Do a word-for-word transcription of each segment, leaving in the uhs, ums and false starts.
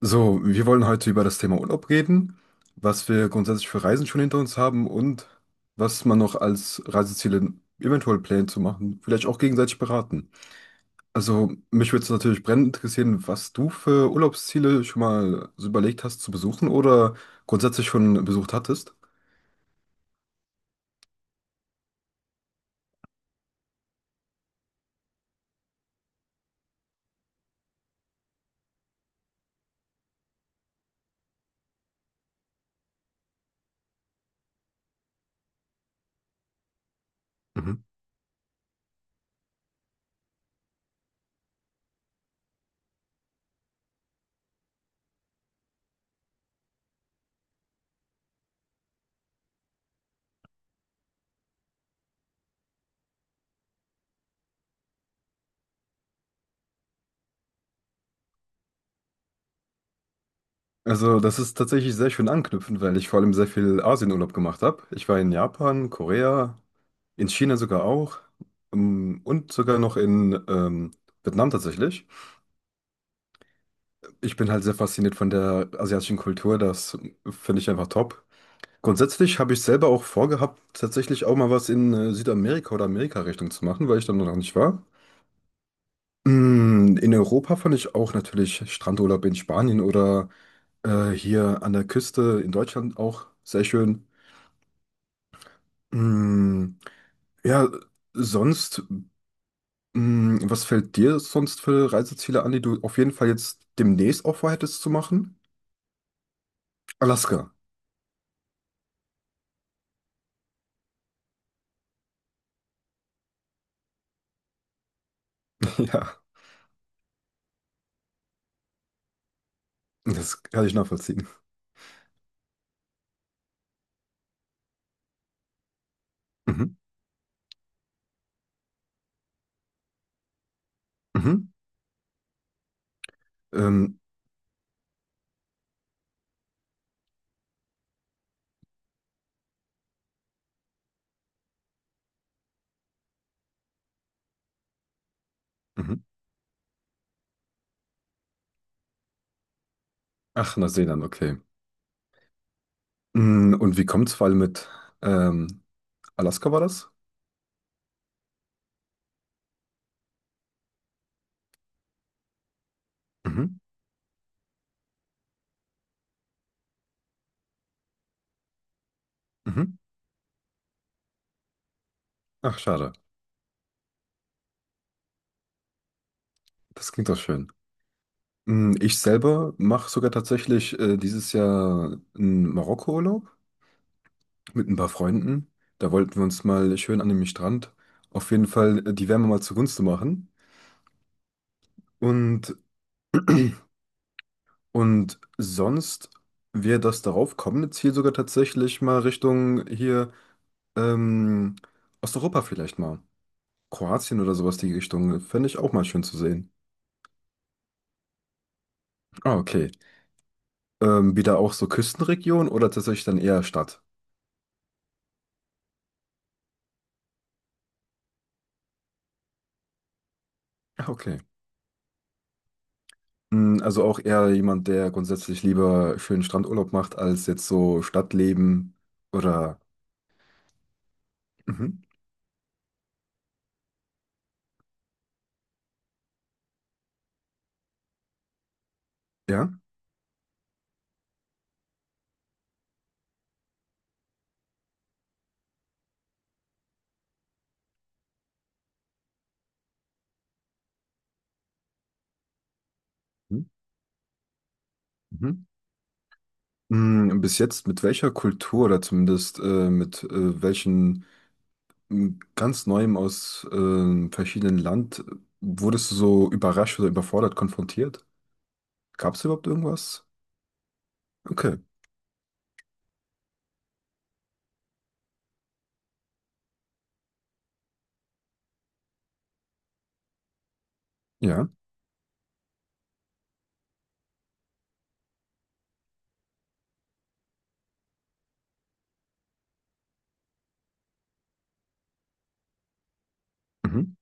So, wir wollen heute über das Thema Urlaub reden, was wir grundsätzlich für Reisen schon hinter uns haben und was man noch als Reiseziele eventuell plant zu machen, vielleicht auch gegenseitig beraten. Also, mich würde es natürlich brennend interessieren, was du für Urlaubsziele schon mal so überlegt hast zu besuchen oder grundsätzlich schon besucht hattest. Mhm. Also, das ist tatsächlich sehr schön anknüpfend, weil ich vor allem sehr viel Asienurlaub gemacht habe. Ich war in Japan, Korea, in China sogar auch ähm, und sogar noch in ähm, Vietnam tatsächlich. Ich bin halt sehr fasziniert von der asiatischen Kultur, das finde ich einfach top. Grundsätzlich habe ich selber auch vorgehabt, tatsächlich auch mal was in äh, Südamerika oder Amerika-Richtung zu machen, weil ich da noch nicht war. Mm, In Europa fand ich auch natürlich Strandurlaub in Spanien oder äh, hier an der Küste in Deutschland auch sehr schön. Mm, Ja, sonst. Hm, Was fällt dir sonst für Reiseziele an, die du auf jeden Fall jetzt demnächst auch vorhättest zu machen? Alaska. Ja, das kann ich nachvollziehen. Mhm. Mhm. Ähm, mhm. Ach, Neuseeland, okay. Hm, Und wie kommt es vor allem mit ähm, Alaska war das? Mhm. Mhm. Ach, schade. Das klingt doch schön. Hm, Ich selber mache sogar tatsächlich äh, dieses Jahr einen Marokko-Urlaub mit ein paar Freunden. Da wollten wir uns mal schön an dem Strand auf jeden Fall äh, die Wärme mal zugunsten machen. Und, und sonst wäre das darauf kommende Ziel sogar tatsächlich mal Richtung hier ähm, Osteuropa vielleicht mal. Kroatien oder sowas die Richtung, fände ich auch mal schön zu sehen. Ah, okay. Ähm, wieder auch so Küstenregion oder tatsächlich dann eher Stadt? Ah, okay. Hm, Also auch eher jemand, der grundsätzlich lieber schönen Strandurlaub macht, als jetzt so Stadtleben oder... Mhm. Ja? Mhm. Mhm. Hm, Bis jetzt mit welcher Kultur oder zumindest äh, mit äh, welchen... m, ganz Neuem aus ähm, verschiedenen Land, wurdest du so überrascht oder überfordert konfrontiert? Gab es überhaupt irgendwas? Okay, ja. Mhm.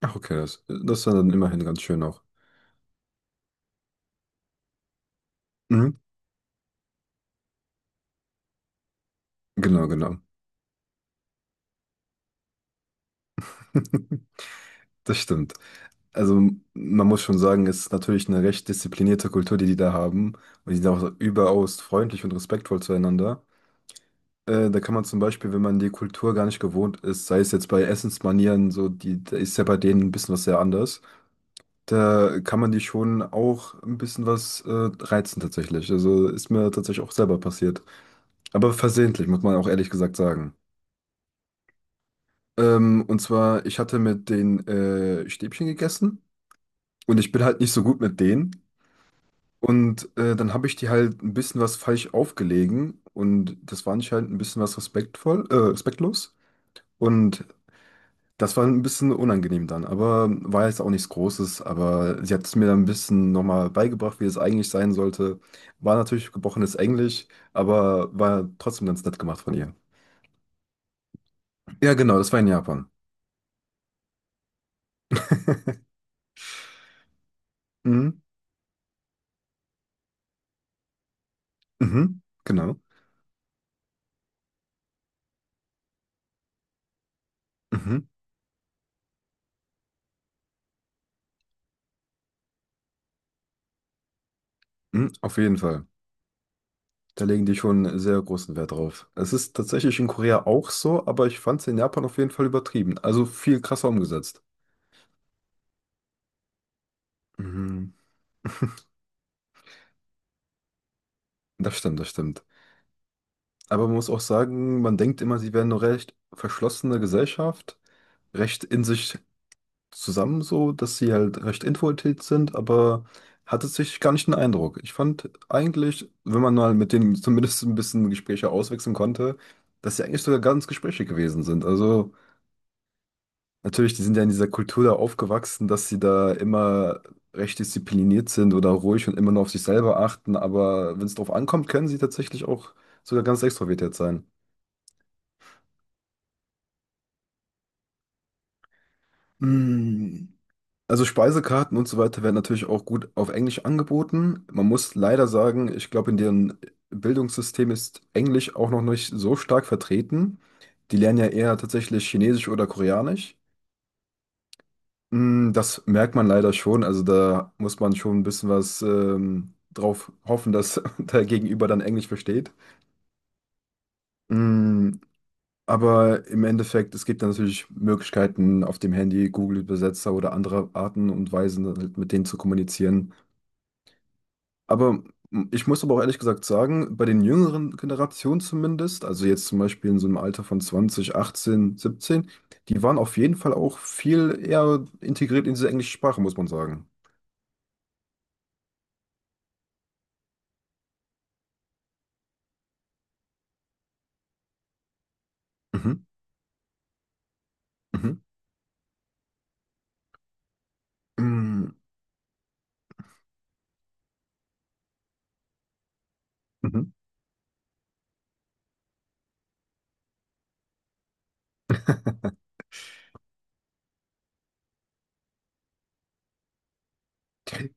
Ach, okay, das, das war dann immerhin ganz schön auch. Mhm. Genau, genau. Das stimmt. Also man muss schon sagen, es ist natürlich eine recht disziplinierte Kultur, die die da haben. Und die sind auch überaus freundlich und respektvoll zueinander. Äh, da kann man zum Beispiel, wenn man die Kultur gar nicht gewohnt ist, sei es jetzt bei Essensmanieren, so, die, da ist ja bei denen ein bisschen was sehr anders. Da kann man die schon auch ein bisschen was äh, reizen tatsächlich. Also ist mir tatsächlich auch selber passiert. Aber versehentlich, muss man auch ehrlich gesagt sagen. Ähm, und zwar, ich hatte mit den äh, Stäbchen gegessen und ich bin halt nicht so gut mit denen. Und äh, dann habe ich die halt ein bisschen was falsch aufgelegen und das war anscheinend ein bisschen was respektvoll, äh, respektlos. Und das war ein bisschen unangenehm dann, aber war jetzt auch nichts Großes. Aber sie hat es mir dann ein bisschen nochmal beigebracht, wie es eigentlich sein sollte. War natürlich gebrochenes Englisch, aber war trotzdem ganz nett gemacht von ihr. Ja, genau, das war in Japan. Mhm. Mhm. Genau. Mhm. Mhm. Auf jeden Fall. Da legen die schon sehr großen Wert drauf. Es ist tatsächlich in Korea auch so, aber ich fand es in Japan auf jeden Fall übertrieben. Also viel krasser umgesetzt. Mhm. Das stimmt, das stimmt. Aber man muss auch sagen, man denkt immer, sie wären eine recht verschlossene Gesellschaft, recht in sich zusammen so, dass sie halt recht introvertiert sind, aber hatte sich gar nicht den Eindruck. Ich fand eigentlich, wenn man mal mit denen zumindest ein bisschen Gespräche auswechseln konnte, dass sie eigentlich sogar ganz Gespräche gewesen sind. Also natürlich, die sind ja in dieser Kultur da aufgewachsen, dass sie da immer recht diszipliniert sind oder ruhig und immer nur auf sich selber achten, aber wenn es drauf ankommt, können sie tatsächlich auch sogar ganz extrovertiert sein. Mm. Also Speisekarten und so weiter werden natürlich auch gut auf Englisch angeboten. Man muss leider sagen, ich glaube, in deren Bildungssystem ist Englisch auch noch nicht so stark vertreten. Die lernen ja eher tatsächlich Chinesisch oder Koreanisch. Mm, Das merkt man leider schon. Also da muss man schon ein bisschen was ähm, drauf hoffen, dass der Gegenüber dann Englisch versteht. Mm, Aber im Endeffekt, es gibt dann natürlich Möglichkeiten auf dem Handy, Google-Übersetzer oder andere Arten und Weisen, halt mit denen zu kommunizieren. Aber ich muss aber auch ehrlich gesagt sagen, bei den jüngeren Generationen zumindest, also jetzt zum Beispiel in so einem Alter von zwanzig, achtzehn, siebzehn, die waren auf jeden Fall auch viel eher integriert in diese englische Sprache, muss man sagen. Mhm, mhm, mm, mhm.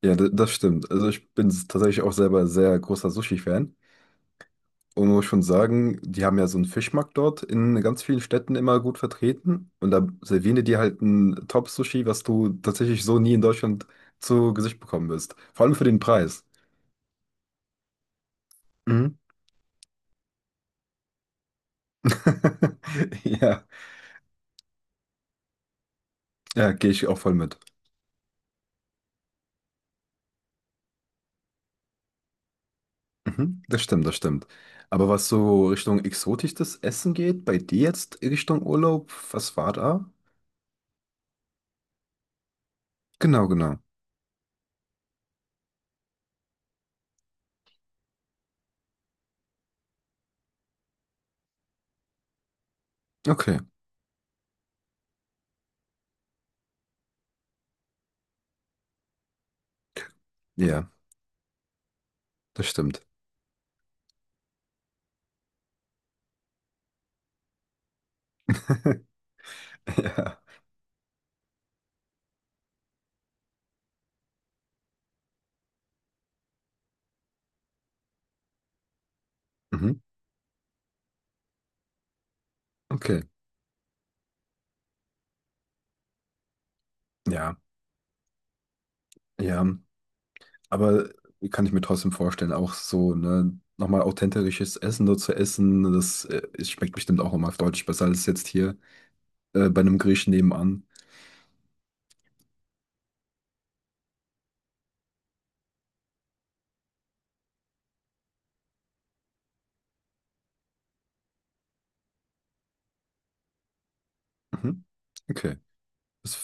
Ja, d- das stimmt. Also ich bin s- tatsächlich auch selber sehr großer Sushi-Fan. Und man muss schon sagen, die haben ja so einen Fischmarkt dort in ganz vielen Städten immer gut vertreten. Und da servieren die dir halt ein Top-Sushi, was du tatsächlich so nie in Deutschland zu Gesicht bekommen wirst. Vor allem für den Preis. Mhm. Ja, ja, gehe ich auch voll mit. Mhm. Das stimmt, das stimmt. Aber was so Richtung exotisches Essen geht, bei dir jetzt Richtung Urlaub, was war da? Genau, genau. Okay, ja, das stimmt. Ja, mhm. Okay, ja, ja. Aber kann ich mir trotzdem vorstellen, auch so, ne, nochmal authentisches Essen nur zu essen, das äh, es schmeckt bestimmt auch nochmal deutlich besser als jetzt hier äh, bei einem Griechen nebenan. Mhm. Okay. Das